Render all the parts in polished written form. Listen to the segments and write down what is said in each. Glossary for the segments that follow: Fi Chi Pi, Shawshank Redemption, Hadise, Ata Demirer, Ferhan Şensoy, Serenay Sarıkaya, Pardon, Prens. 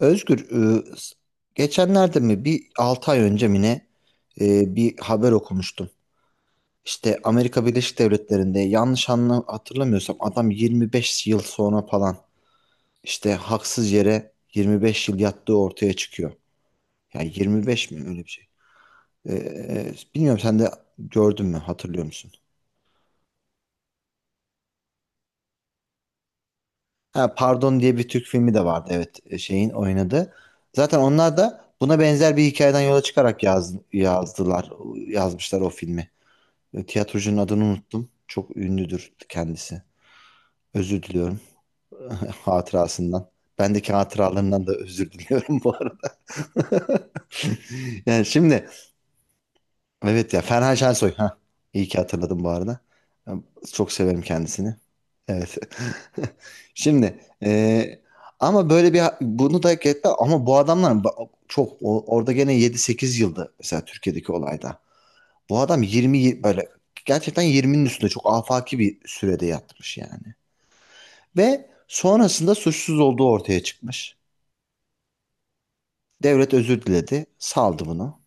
Özgür, geçenlerde mi bir 6 ay önce mi ne bir haber okumuştum. İşte Amerika Birleşik Devletleri'nde yanlış hatırlamıyorsam adam 25 yıl sonra falan, işte haksız yere 25 yıl yattığı ortaya çıkıyor. Yani 25 mi, öyle bir şey. Bilmiyorum sen de gördün mü, hatırlıyor musun? Ha, Pardon diye bir Türk filmi de vardı, evet. Şeyin oynadı. Zaten onlar da buna benzer bir hikayeden yola çıkarak yazdılar, yazmışlar o filmi. Tiyatrocunun adını unuttum. Çok ünlüdür kendisi. Özür diliyorum hatırasından. Bendeki hatıralarından da özür diliyorum bu arada. Yani şimdi, evet ya, Ferhan Şensoy. Ha, iyi ki hatırladım bu arada. Ben Çok severim kendisini. Evet. Şimdi, ama böyle bir, bunu da hak etti ama bu adamlar çok orada gene 7-8 yıldı mesela Türkiye'deki olayda. Bu adam 20, böyle gerçekten 20'nin üstünde çok afaki bir sürede yatmış yani. Ve sonrasında suçsuz olduğu ortaya çıkmış. Devlet özür diledi, saldı bunu.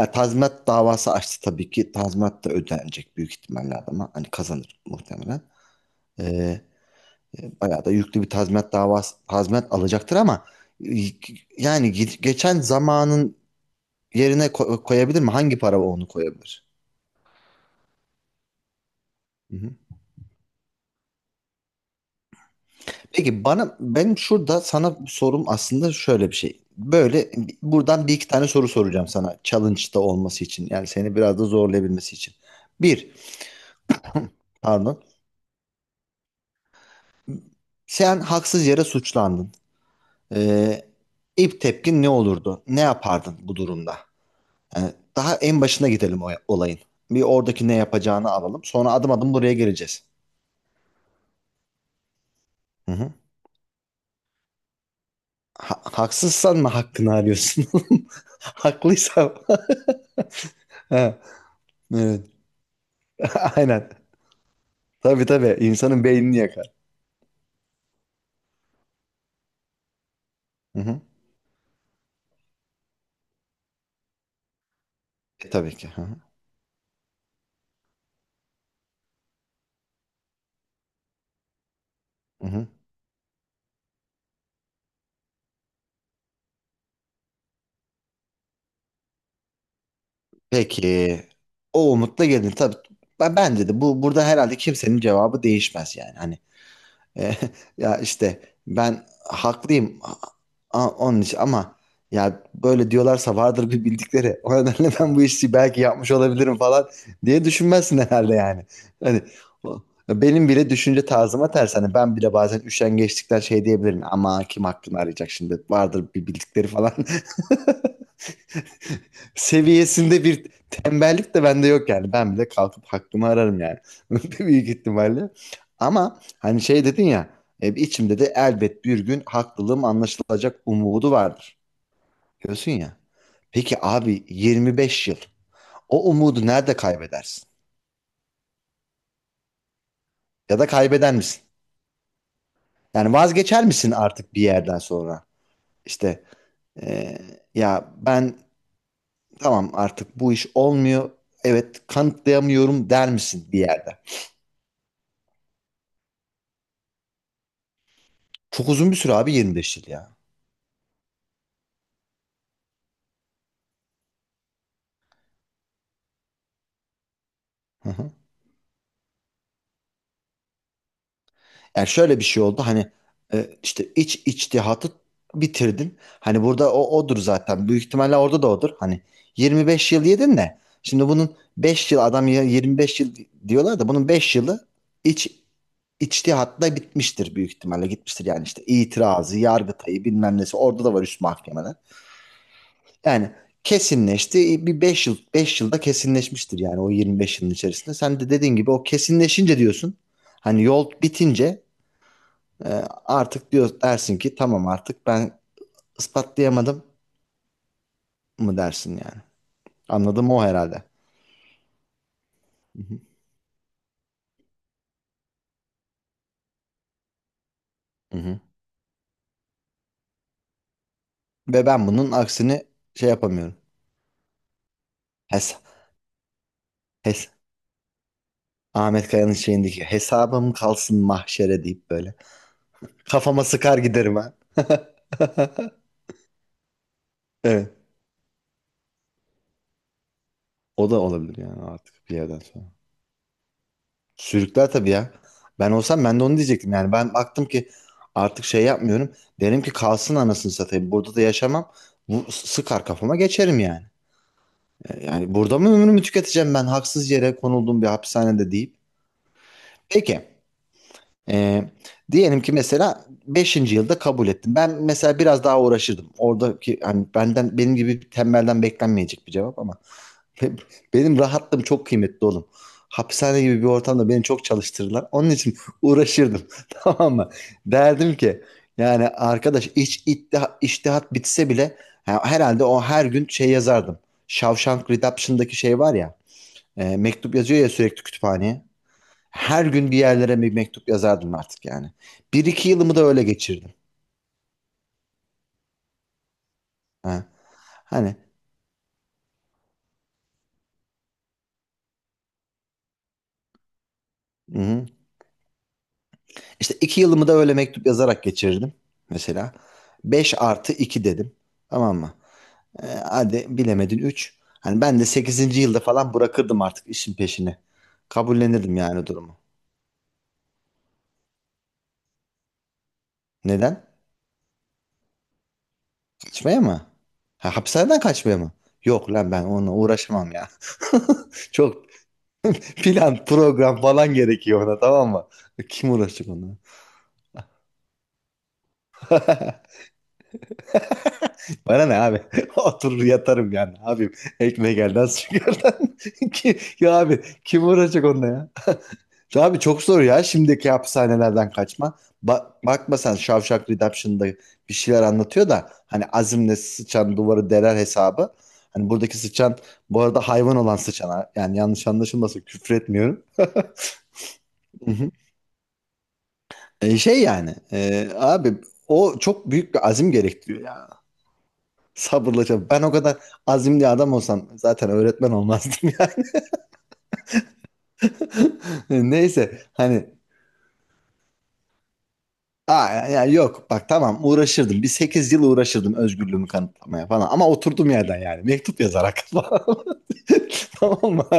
Tazminat davası açtı tabii ki. Tazminat da ödenecek büyük ihtimalle adama. Hani kazanır muhtemelen. E, Bayağı da yüklü bir tazminat alacaktır ama e, yani geçen zamanın yerine koyabilir mi? Hangi para onu koyabilir? Hı Peki bana, benim şurada sana sorum aslında şöyle bir şey. Böyle buradan bir iki tane soru soracağım sana, challenge'da olması için. Yani seni biraz da zorlayabilmesi için. Bir, pardon. Sen haksız yere suçlandın. Ee, ilk tepkin ne olurdu? Ne yapardın bu durumda? Yani daha en başına gidelim o olayın. Bir oradaki ne yapacağını alalım. Sonra adım adım buraya geleceğiz. Hı hı. Haksızsan mı hakkını arıyorsun? Haklıysa. Ha, evet. Aynen. Tabii, tabii. insanın beynini yakar. Hı hı. Tabii ki. Hı hı. Hı hı. Peki. O umutla gelin. Tabii. Bence de, burada herhalde kimsenin cevabı değişmez yani. Hani, e, ya işte, ben haklıyım. Onun için ama ya böyle diyorlarsa, vardır bir bildikleri. O nedenle ben bu işi belki yapmış olabilirim falan diye düşünmezsin herhalde yani. Hani o- benim bile düşünce tarzıma ters. Hani ben bile bazen üşengeçlikten şey diyebilirim. Ama kim aklını arayacak şimdi? Vardır bir bildikleri falan. seviyesinde bir tembellik de bende yok yani. Ben bile kalkıp hakkımı ararım yani. Büyük ihtimalle. Ama hani şey dedin ya, içimde de elbet bir gün haklılığım anlaşılacak umudu vardır. Diyorsun ya. Peki abi, 25 yıl o umudu nerede kaybedersin? Ya da kaybeder misin? Yani vazgeçer misin artık bir yerden sonra? İşte, e, ya ben, tamam artık bu iş olmuyor, evet kanıtlayamıyorum der misin bir yerde? Çok uzun bir süre abi, 25 yıl ya. Hı hı. Yani şöyle bir şey oldu, hani işte içtihatı bitirdim. Hani burada o odur zaten. Büyük ihtimalle orada da odur. Hani 25 yıl yedin de, şimdi bunun 5 yıl adam ya 25 yıl diyorlar da bunun 5 yılı iç içtihatla bitmiştir büyük ihtimalle, gitmiştir. Yani işte itirazı, yargıtayı bilmem nesi, orada da var üst mahkemeler. Yani kesinleşti. Bir 5 yılda kesinleşmiştir yani, o 25 yılın içerisinde. Sen de dediğin gibi o kesinleşince diyorsun. Hani yol bitince, e, artık dersin ki tamam artık ben ispatlayamadım mı dersin yani. Anladım, o herhalde. Hı hı. Ve ben bunun aksini şey yapamıyorum. Hes hes Ahmet Kaya'nın şeyindeki hesabım kalsın mahşere deyip böyle kafama sıkar giderim ha. Evet. O da olabilir yani artık bir yerden sonra. Sürükler tabii ya. Ben olsam ben de onu diyecektim. Yani ben baktım ki artık şey yapmıyorum, derim ki kalsın anasını satayım. Burada da yaşamam. Bu sıkar kafama, geçerim yani. Yani burada mı ömrümü tüketeceğim, ben haksız yere konulduğum bir hapishanede, deyip. Peki. e, diyelim ki mesela beşinci yılda kabul ettim. Ben mesela biraz daha uğraşırdım. Oradaki hani, benden, benim gibi bir tembelden beklenmeyecek bir cevap ama. Be- Benim rahatlığım çok kıymetli oğlum. Hapishane gibi bir ortamda beni çok çalıştırırlar. Onun için uğraşırdım. Tamam mı? Derdim ki yani, arkadaş iştihat bitse bile ha, herhalde o her gün şey yazardım. Shawshank Redemption'daki şey var ya. Mektup yazıyor ya sürekli kütüphaneye. Her gün bir yerlere bir mektup yazardım artık yani. Bir iki yılımı da öyle geçirdim. Ha. Hani, hı. İşte iki yılımı da öyle mektup yazarak geçirirdim mesela. Beş artı 2 dedim. Tamam mı? Hadi bilemedin 3. Hani ben de sekizinci yılda falan bırakırdım artık işin peşini. Kabullenirdim yani durumu. Neden? Kaçmaya mı? Ha, hapishaneden kaçmaya mı? Yok lan, ben onunla uğraşamam ya. Çok plan, program falan gerekiyor ona, tamam mı? Kim uğraşacak onunla? Bana ne abi? Oturur yatarım yani. Abim, ekmek elden su gölden. Ya abi, kim uğraşacak onunla ya? Ya abi çok zor ya, şimdiki hapishanelerden kaçma. Bakma sen, Shawshank Redemption'da bir şeyler anlatıyor da hani, azimle sıçan duvarı deler hesabı. Hani buradaki sıçan, bu arada hayvan olan sıçan ha. Yani yanlış anlaşılmasın, küfür etmiyorum. Hı hı. Şey yani, abi, o çok büyük bir azim gerektiriyor ya. Sabırla çalış. Ben o kadar azimli adam olsam zaten öğretmen olmazdım yani. Neyse hani, ya yok bak, tamam uğraşırdım. Bir 8 yıl uğraşırdım özgürlüğümü kanıtlamaya falan. Ama oturdum yerden yani. Mektup yazarak falan. Tamam mı?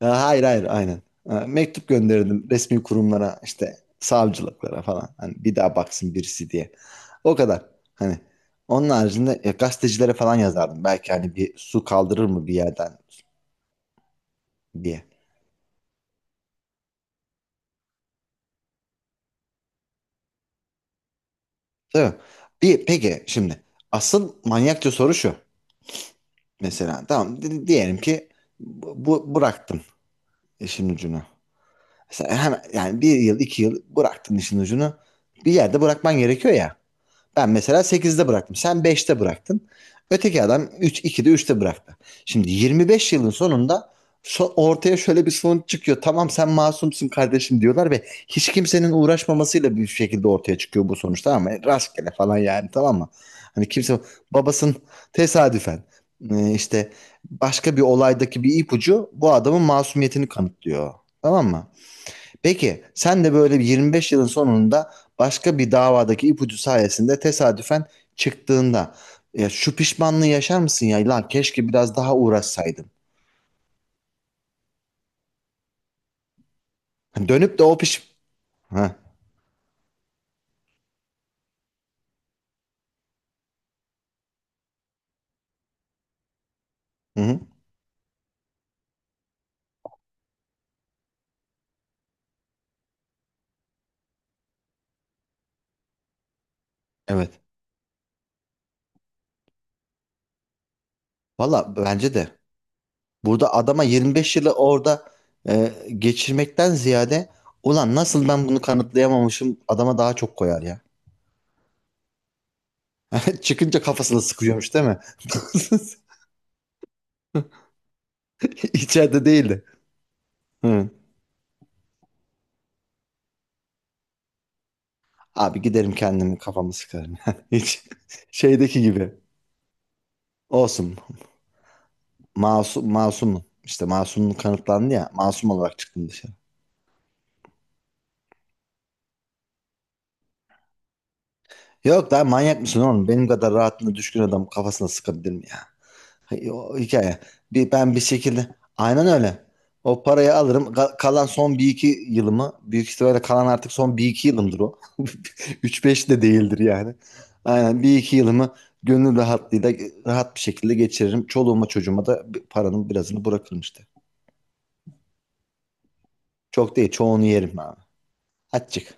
Ya, hayır hayır aynen. Ha, mektup gönderirdim resmi kurumlara, işte savcılıklara falan. Hani bir daha baksın birisi diye. O kadar. Hani onun haricinde ya, gazetecilere falan yazardım. Belki hani bir su kaldırır mı bir yerden diye. Tabii. Peki şimdi asıl manyakça soru şu. Mesela tamam, diyelim ki bıraktın işin ucunu. Mesela hemen yani, bir yıl 2 yıl bıraktın işin ucunu. Bir yerde bırakman gerekiyor ya. Ben mesela sekizde bıraktım. Sen beşte bıraktın. Öteki adam 3, 2'de, üçte bıraktı. Şimdi 25 yılın sonunda, ortaya şöyle bir sonuç çıkıyor. Tamam, sen masumsun kardeşim diyorlar ve hiç kimsenin uğraşmamasıyla bir şekilde ortaya çıkıyor bu sonuçta, ama rastgele falan yani, tamam mı? Hani kimse babasının tesadüfen, işte başka bir olaydaki bir ipucu bu adamın masumiyetini kanıtlıyor. Tamam mı? Peki sen de böyle bir 25 yılın sonunda başka bir davadaki ipucu sayesinde tesadüfen çıktığında, ya şu pişmanlığı yaşar mısın ya? Lan keşke biraz daha uğraşsaydım. Hani Dönüp de o piş... Ha, hı hı, evet. Valla bence de. Burada adama 25 yılı orada geçirmekten ziyade, ulan nasıl ben bunu kanıtlayamamışım, adama daha çok koyar ya. Çıkınca kafasına sıkıyormuş değil mi? İçeride değildi. Hı. Abi giderim kendimi kafamı sıkarım. Hiç şeydeki gibi. Olsun. Masumum. İşte masumluk kanıtlandı ya. Masum olarak çıktım dışarı. Yok lan, manyak mısın oğlum? Benim kadar rahatına düşkün adam kafasına sıkabilir mi ya? O hikaye. Ben bir şekilde aynen öyle. O parayı alırım. Kalan son bir iki yılımı büyük ihtimalle, kalan artık son bir iki yılımdır o. Üç beş de değildir yani. Aynen bir iki yılımı gönül rahatlığıyla, rahat bir şekilde geçiririm. Çoluğuma çocuğuma da paranın birazını bırakırım işte. Çok değil, çoğunu yerim abi. Açık.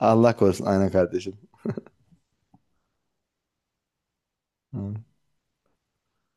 Allah korusun, aynen kardeşim.